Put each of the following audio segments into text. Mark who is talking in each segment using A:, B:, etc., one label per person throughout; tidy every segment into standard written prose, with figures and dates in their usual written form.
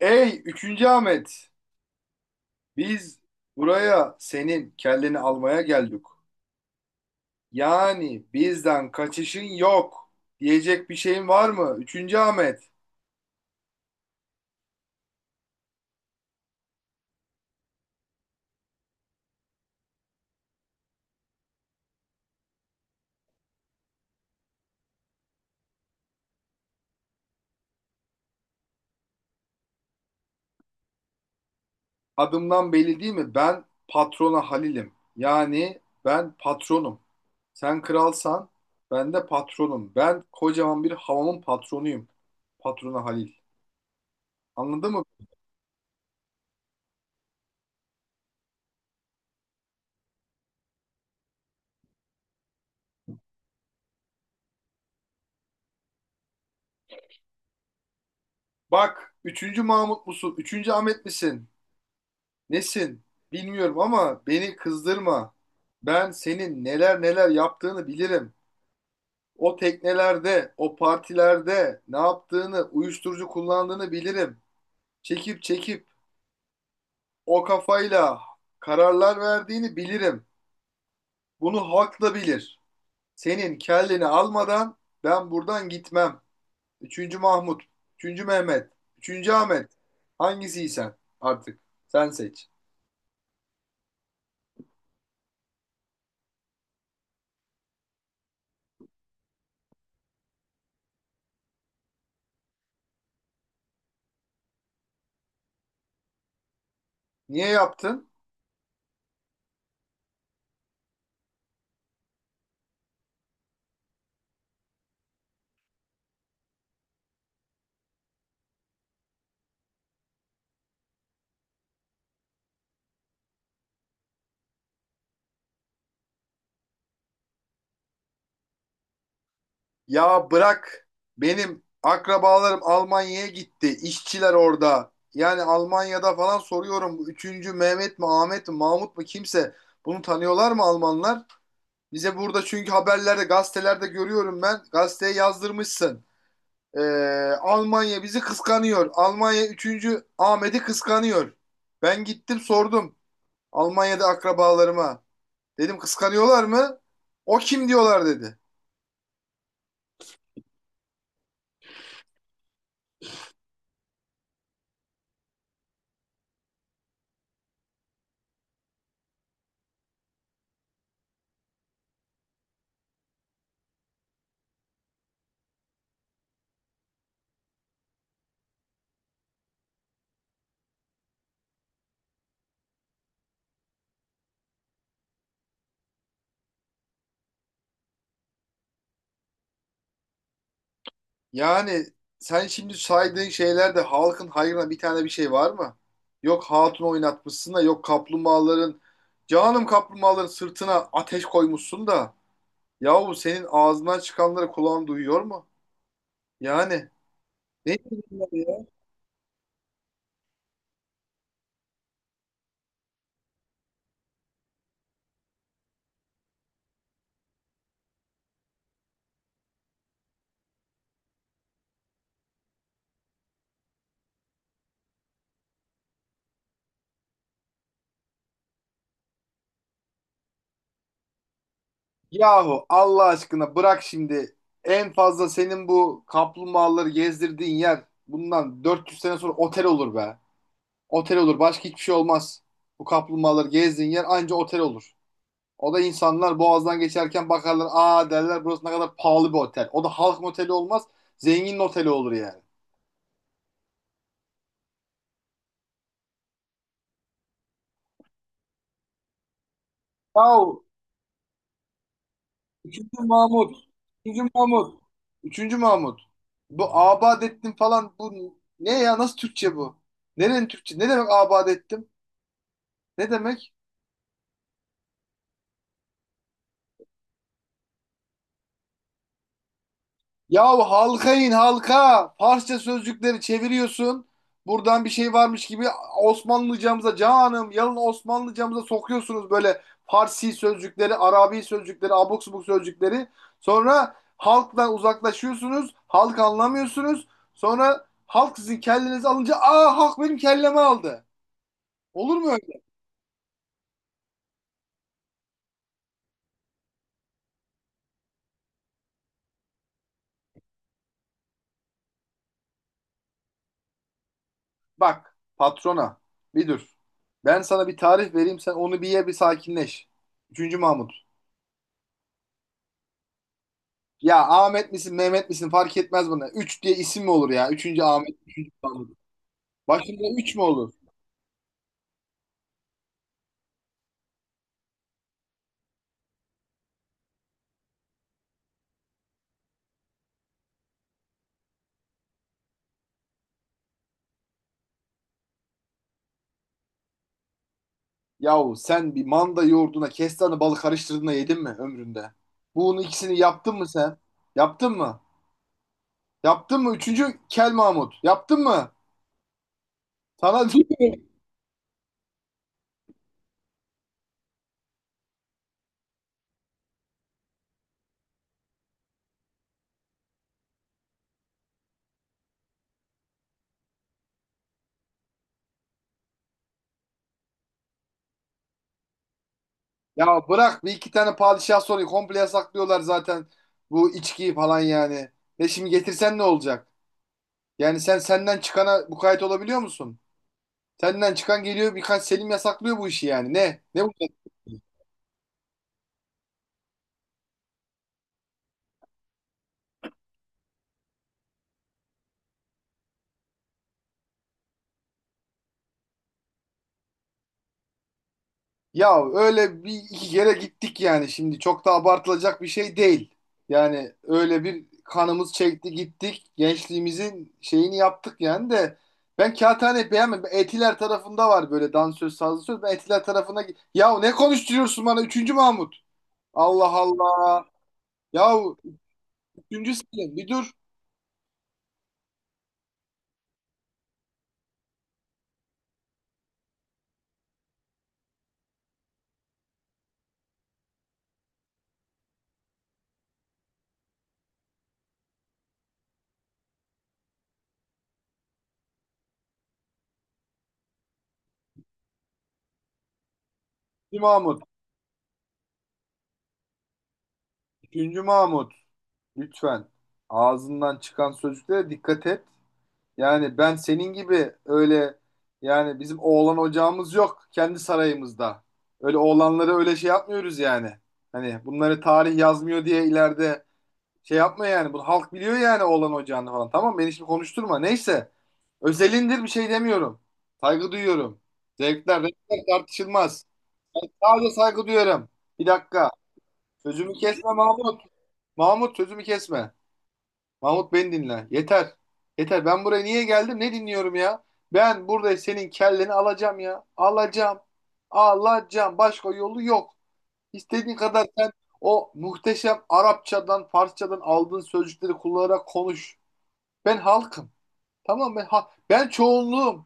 A: Ey üçüncü Ahmet, biz buraya senin kelleni almaya geldik. Yani bizden kaçışın yok. Diyecek bir şeyin var mı? Üçüncü Ahmet, adımdan belli değil mi? Ben patrona Halil'im. Yani ben patronum. Sen kralsan ben de patronum. Ben kocaman bir havamın patronuyum. Patrona Halil. Anladın mı? Bak, üçüncü Mahmut musun? Üçüncü Ahmet misin? Nesin? Bilmiyorum ama beni kızdırma. Ben senin neler yaptığını bilirim. O teknelerde, o partilerde ne yaptığını, uyuşturucu kullandığını bilirim. Çekip o kafayla kararlar verdiğini bilirim. Bunu halk da bilir. Senin kelleni almadan ben buradan gitmem. Üçüncü Mahmut, üçüncü Mehmet, üçüncü Ahmet. Hangisiysen artık sen seç. Niye yaptın? Ya bırak, benim akrabalarım Almanya'ya gitti. İşçiler orada. Yani Almanya'da falan soruyorum. Bu üçüncü Mehmet mi, Ahmet mi, Mahmut mu kimse. Bunu tanıyorlar mı Almanlar? Bize burada çünkü haberlerde gazetelerde görüyorum ben. Gazeteye yazdırmışsın. Ee, Almanya bizi kıskanıyor. Almanya üçüncü Ahmet'i kıskanıyor. Ben gittim sordum. Almanya'da akrabalarıma. Dedim kıskanıyorlar mı? O kim diyorlar dedi. Yani sen şimdi saydığın şeylerde halkın hayrına bir tane bir şey var mı? Yok hatun oynatmışsın da yok kaplumbağaların, canım kaplumbağaların sırtına ateş koymuşsun da yahu senin ağzından çıkanları kulağın duyuyor mu? Yani ne bunlar ya? Yahu Allah aşkına bırak şimdi, en fazla senin bu kaplumbağaları gezdirdiğin yer bundan 400 sene sonra otel olur be. Otel olur, başka hiçbir şey olmaz. Bu kaplumbağaları gezdiğin yer anca otel olur. O da insanlar boğazdan geçerken bakarlar, aa derler burası ne kadar pahalı bir otel. O da halk moteli olmaz, zengin oteli olur yani. Yahu üçüncü Mahmut. Üçüncü Mahmut. Üçüncü Mahmut. Bu abad ettim falan bu ne ya, nasıl Türkçe bu? Nerenin Türkçe? Ne demek abad ettim? Ne demek? Yahu halka in halka. Farsça sözcükleri çeviriyorsun. Buradan bir şey varmış gibi Osmanlıcamıza, canım yalın Osmanlıcamıza sokuyorsunuz böyle Farsi sözcükleri, Arabi sözcükleri, abuk subuk sözcükleri. Sonra halktan uzaklaşıyorsunuz. Halk anlamıyorsunuz. Sonra halk sizin kellenizi alınca aa halk benim kellemi aldı. Olur mu öyle? Bak patrona, bir dur. Ben sana bir tarif vereyim, sen onu bir ye bir sakinleş. Üçüncü Mahmut. Ya Ahmet misin Mehmet misin fark etmez bana. Üç diye isim mi olur ya? Üçüncü Ahmet, üçüncü Mahmut. Başında üç mü olur? Yahu sen bir manda yoğurduna kestane balı karıştırdığında yedin mi ömründe? Bunun ikisini yaptın mı sen? Yaptın mı? Yaptın mı? Üçüncü Kel Mahmut. Yaptın mı? Sana Ya bırak, bir iki tane padişah soruyu komple yasaklıyorlar zaten. Bu içkiyi falan yani. Ve şimdi getirsen ne olacak? Yani sen senden çıkana mukayyet olabiliyor musun? Senden çıkan geliyor birkaç Selim yasaklıyor bu işi yani. Ne? Ne bu? Ya öyle bir iki kere gittik yani şimdi. Çok da abartılacak bir şey değil. Yani öyle bir kanımız çekti gittik. Gençliğimizin şeyini yaptık yani de. Ben Kağıthane'yi beğenmedim. Etiler tarafında var böyle dansöz, sazlı söz. Ben Etiler tarafına... Ya ne konuşturuyorsun bana? Üçüncü Mahmut. Allah Allah. Ya üçüncü Selim. Bir dur. Üçüncü Mahmut. Üçüncü Mahmut. Lütfen. Ağzından çıkan sözlere dikkat et. Yani ben senin gibi öyle, yani bizim oğlan ocağımız yok kendi sarayımızda. Öyle oğlanları öyle şey yapmıyoruz yani. Hani bunları tarih yazmıyor diye ileride şey yapma yani. Bunu halk biliyor yani oğlan ocağını falan. Tamam beni şimdi konuşturma. Neyse. Özelindir bir şey demiyorum. Saygı duyuyorum. Zevkler, renkler tartışılmaz. Sadece saygı duyuyorum. Bir dakika. Sözümü kesme Mahmut. Mahmut sözümü kesme. Mahmut beni dinle. Yeter. Yeter. Ben buraya niye geldim? Ne dinliyorum ya? Ben burada senin kelleni alacağım ya. Alacağım. Alacağım. Başka yolu yok. İstediğin kadar sen o muhteşem Arapçadan, Farsçadan aldığın sözcükleri kullanarak konuş. Ben halkım. Tamam mı? Ben çoğunluğum.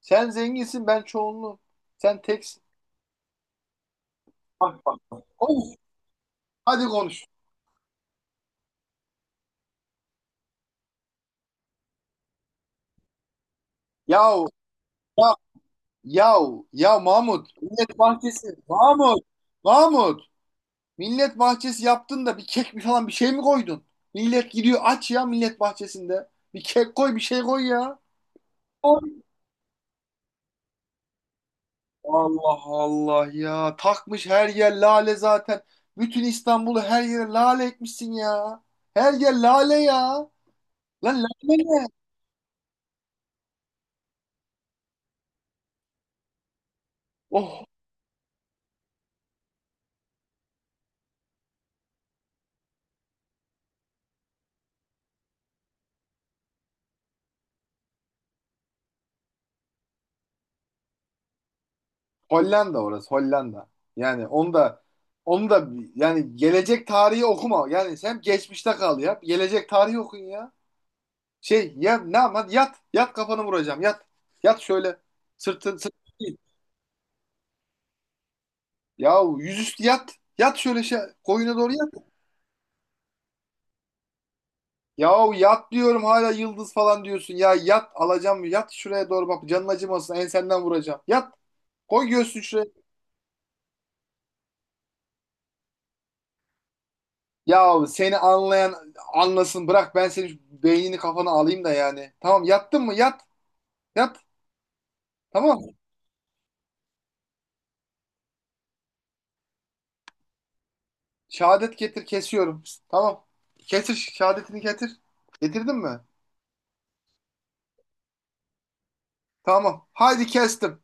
A: Sen zenginsin, ben çoğunluğum. Sen teksin. Bak bak. Konuş. Hadi konuş. Yahu, ya, yahu, ya Mahmut. Millet Bahçesi. Mahmut. Mahmut. Millet bahçesi yaptın da bir kek bir falan bir şey mi koydun? Millet gidiyor aç ya millet bahçesinde. Bir kek koy bir şey koy ya. Allah Allah ya. Takmış her yer lale zaten. Bütün İstanbul'u her yere lale etmişsin ya. Her yer lale ya. Lan lale ne? Oh Hollanda, orası Hollanda. Yani onu da, onu da, yani gelecek tarihi okuma. Yani sen geçmişte kal ya. Gelecek tarihi okun ya. Şey ya ne ama yat. Yat kafanı vuracağım. Yat. Yat şöyle. Sırtın değil. Yahu yüzüstü yat. Yat şöyle şey koyuna doğru yat. Yahu yat diyorum hala yıldız falan diyorsun. Ya yat alacağım yat şuraya doğru bak canın acımasın ensenden vuracağım. Yat koy göğsünü şuraya. Yahu seni anlayan anlasın bırak ben senin şu beynini kafana alayım da yani. Tamam yattın mı yat, yat, tamam. Şehadet getir kesiyorum. Tamam. Getir şehadetini getir. Getirdin mi? Tamam. Haydi kestim.